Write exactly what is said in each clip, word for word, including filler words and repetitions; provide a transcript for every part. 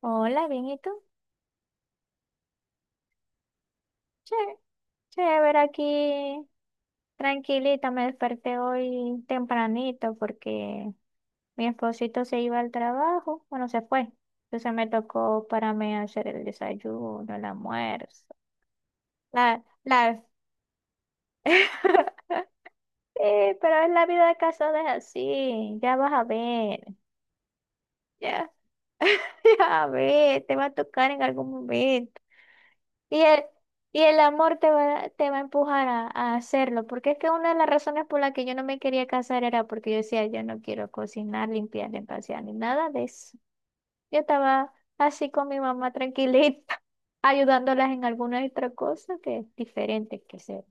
Hola, bien, ¿y tú? Che, chévere aquí, tranquilita, me desperté hoy tempranito porque mi esposito se iba al trabajo, bueno, se fue, entonces me tocó para mí hacer el desayuno, el almuerzo, la, la, Sí, pero es la vida de casada es así, ya vas a ver, ya, ya a ver, te va a tocar en algún momento. Y el, y el amor te va, te va a empujar a, a hacerlo, porque es que una de las razones por las que yo no me quería casar era porque yo decía, yo no quiero cocinar, limpiar, empasear, ni nada de eso. Yo estaba así con mi mamá tranquilita, ayudándolas en alguna otra cosa que es diferente que ser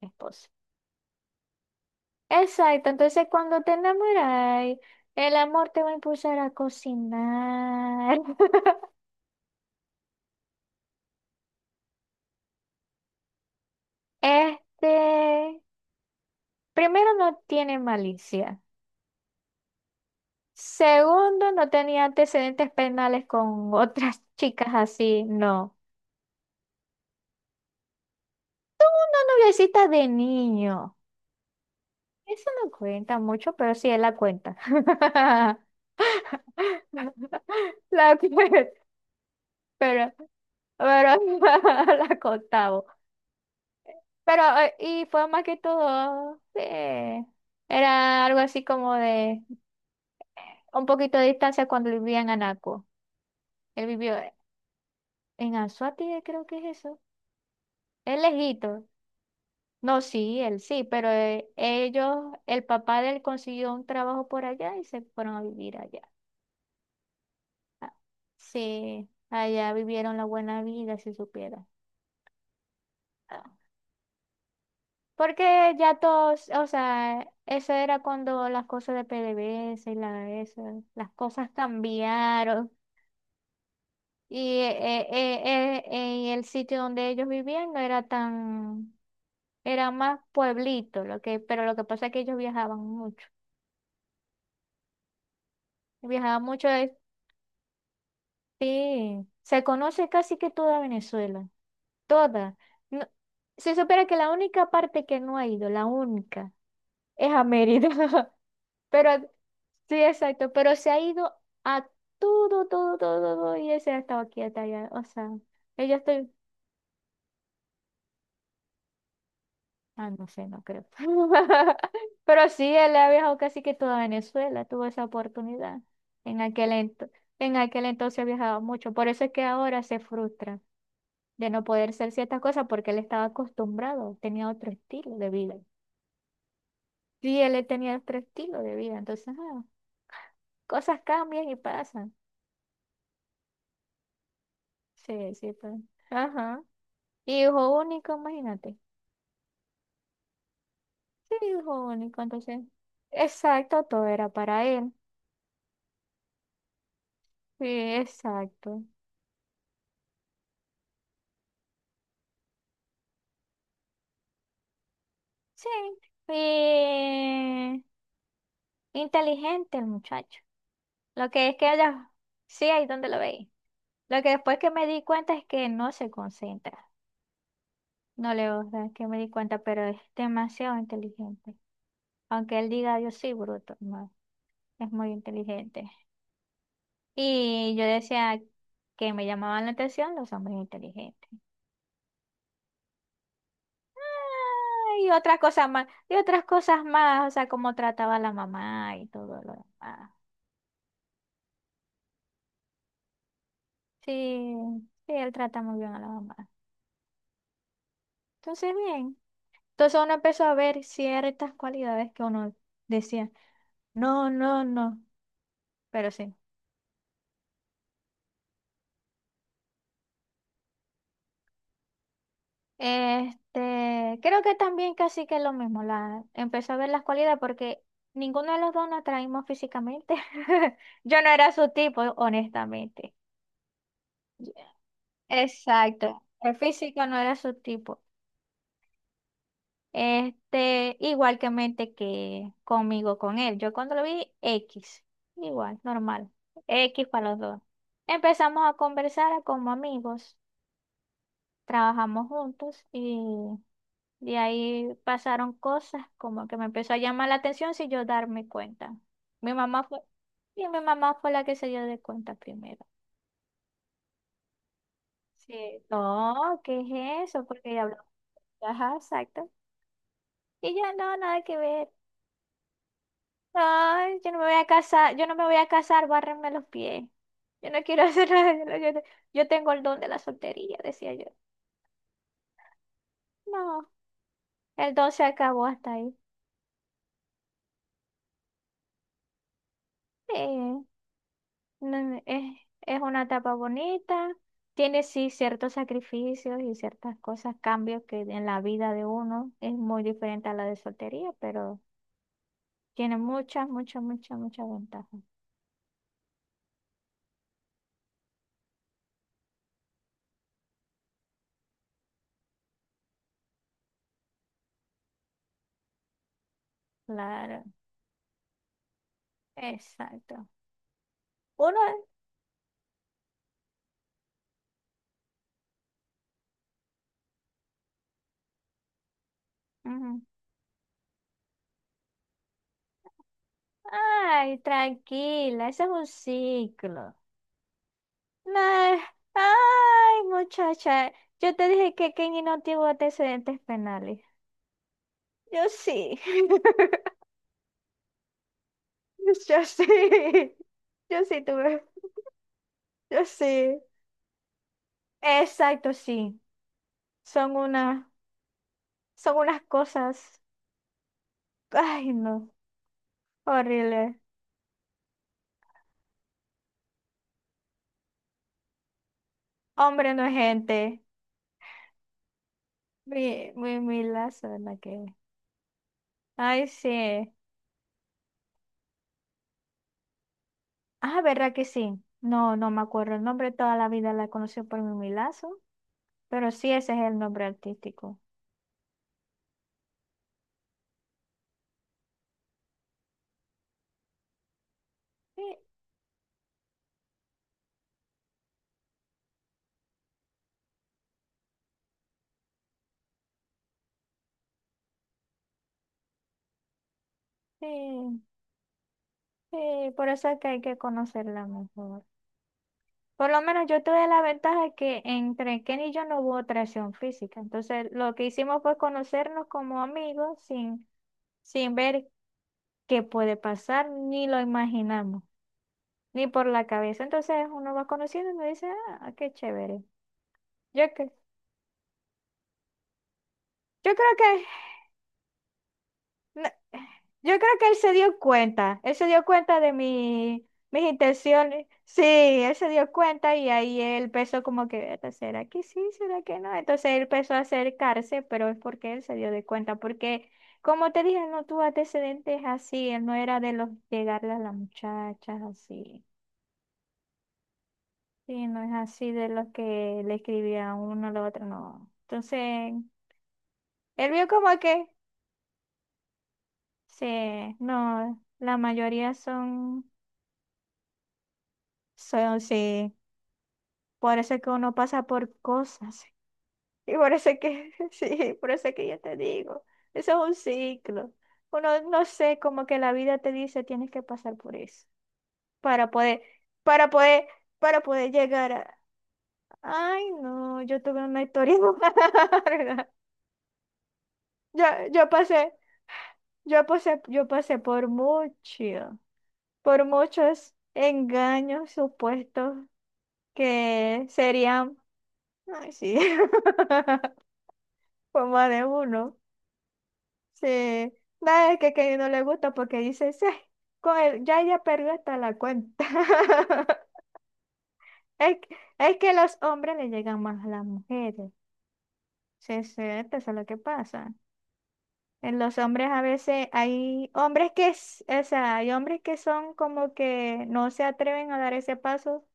esposa. Exacto, entonces cuando te enamoras, el amor te va a impulsar a cocinar. Este, primero no tiene malicia. Segundo, no tenía antecedentes penales con otras chicas así, no. Una noviecita de niño. Eso no cuenta mucho, pero sí, él la cuenta. La cuenta, pero, pero la contaba. Pero, eh, y fue más que todo, eh, era algo así como de un poquito de distancia cuando vivía en Anaco. Él vivió en Anzoátegui, creo que es eso. Es lejito. No, sí, él sí, pero eh, ellos, el papá de él consiguió un trabajo por allá y se fueron a vivir allá. Ah, sí, allá vivieron la buena vida, si supiera. Ah, porque ya todos, o sea, eso era cuando las cosas de P D V S A y la, eso, las cosas cambiaron y eh, eh, eh, eh, y el sitio donde ellos vivían no era tan, era más pueblito, lo que, pero lo que pasa es que ellos viajaban mucho. Viajaban mucho, sí, se conoce casi que toda Venezuela, toda. No- Se supone que la única parte que no ha ido, la única, es a Mérida. Pero sí, exacto, pero se ha ido a todo, todo, todo, todo, y ese ha estado aquí hasta allá. O sea, ella estoy, ah, no sé, no creo. Pero sí, él ha viajado casi que toda Venezuela, tuvo esa oportunidad. En aquel ento- en aquel entonces viajaba mucho, por eso es que ahora se frustra. De no poder ser ciertas cosas porque él estaba acostumbrado, tenía otro estilo de vida. Sí, él tenía otro estilo de vida, entonces ah, cosas cambian y pasan. Sí, sí, pa- ajá. Y hijo único, imagínate. Sí, hijo único, entonces. Exacto, todo era para él. Sí, exacto. Sí. Y inteligente el muchacho. Lo que es que haya, sí, ahí donde lo veis. Lo que después que me di cuenta es que no se concentra. No le gusta, es que me di cuenta, pero es demasiado inteligente. Aunque él diga yo sí, bruto, no, es muy inteligente. Y yo decía que me llamaban la atención los hombres inteligentes. Ah, y otras cosas más, y otras cosas más, o sea, cómo trataba a la mamá y todo lo demás. Sí, sí, él trata muy bien a la mamá. Entonces, bien. Entonces uno empezó a ver ciertas cualidades que uno decía, no, no, no, pero sí. Este, creo que también casi que lo mismo, la empecé a ver las cualidades porque ninguno de los dos nos atraímos físicamente. Yo no era su tipo, honestamente. Exacto, el físico no era su tipo. Este, igual que mente que conmigo, con él. Yo cuando lo vi, X, igual, normal. X para los dos. Empezamos a conversar como amigos, trabajamos juntos y de ahí pasaron cosas como que me empezó a llamar la atención sin yo darme cuenta. Mi mamá fue, y mi mamá fue la que se dio de cuenta primero. Sí. No, ¿qué es eso? Porque ella habló. Ajá, exacto. Y yo, no, nada que ver. No, yo no me voy a casar, yo no me voy a casar, bárrenme los pies. Yo no quiero hacer nada. Yo, no- yo te- yo tengo el don de la soltería, decía yo. No, el don se acabó hasta ahí. Sí. No, Es, es una etapa bonita, tiene sí ciertos sacrificios y ciertas cosas, cambios que en la vida de uno es muy diferente a la de soltería, pero tiene muchas, muchas, muchas, muchas ventajas. Claro, exacto. Uno, ujú. Ay, tranquila, ese es un ciclo. No, ay, muchacha, yo te dije que Kenny no tiene antecedentes penales. Yo sí. Yo sí, yo sí tuve, yo sí. Exacto, sí. Son una, son unas cosas, ay no, horrible. Hombre no es gente. Mi, mi, mi lazo, ¿verdad que? Ay, sí. Ah, ¿verdad que sí? No, no me acuerdo el nombre, toda la vida la conocí por mi Milazo, pero sí ese es el nombre artístico. Sí, sí, sí, por eso es que hay que conocerla mejor. Por lo menos yo tuve la ventaja que entre Ken y yo no hubo atracción física. Entonces, lo que hicimos fue conocernos como amigos sin, sin ver qué puede pasar, ni lo imaginamos, ni por la cabeza. Entonces, uno va conociendo y me dice, ah, qué chévere. Yo, cre- yo creo que no, yo creo que él se dio cuenta, él se dio cuenta de mi, mis intenciones, sí, él se dio cuenta y ahí él empezó como que, "Eta, ¿será que sí? ¿Será que no?" Entonces él empezó a acercarse, pero es porque él se dio de cuenta, porque como te dije, no tuvo antecedentes así, él no era de los llegarle a las muchachas así, sí, no es así de los que le escribía a uno a la otro, no. Entonces, él vio como que, sí, no, la mayoría son... So, sí, por eso es que uno pasa por cosas. Y por eso es que, sí, por eso es que yo te digo, eso es un ciclo. Uno, no sé, como que la vida te dice, tienes que pasar por eso para poder, para poder, para poder llegar a... Ay, no, yo tuve una historia larga. Yo, yo pasé, yo pasé, yo pasé por mucho, por muchos engaños supuestos que serían... Ay, sí. Como de uno. Sí. Nada, es que, que no le gusta porque dice, sí, con el- ya ella perdió hasta la cuenta. Es, que- es que los hombres le llegan más a las mujeres. Sí, sí, esto es lo que pasa. En los hombres a veces hay hombres que, s- o sea, hay hombres que son como que no se atreven a dar ese paso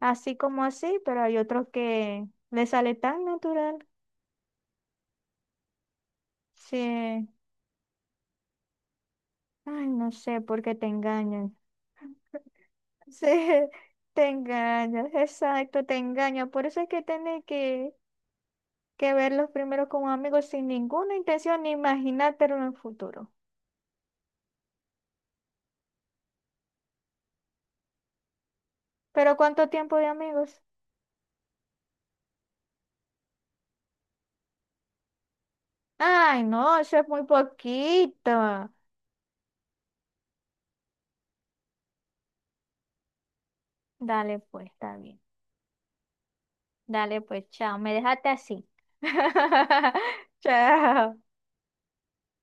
así como así, pero hay otros que les sale tan natural. Sí. Ay, no sé por qué te engañan. Sí, te engañas, exacto, te engañas. Por eso es que tienes que, que verlos primero como amigos sin ninguna intención ni imaginártelo en el futuro. Pero ¿cuánto tiempo de amigos? Ay, no, eso es muy poquito. Dale pues, está bien. Dale pues, chao. Me dejaste así. Chao.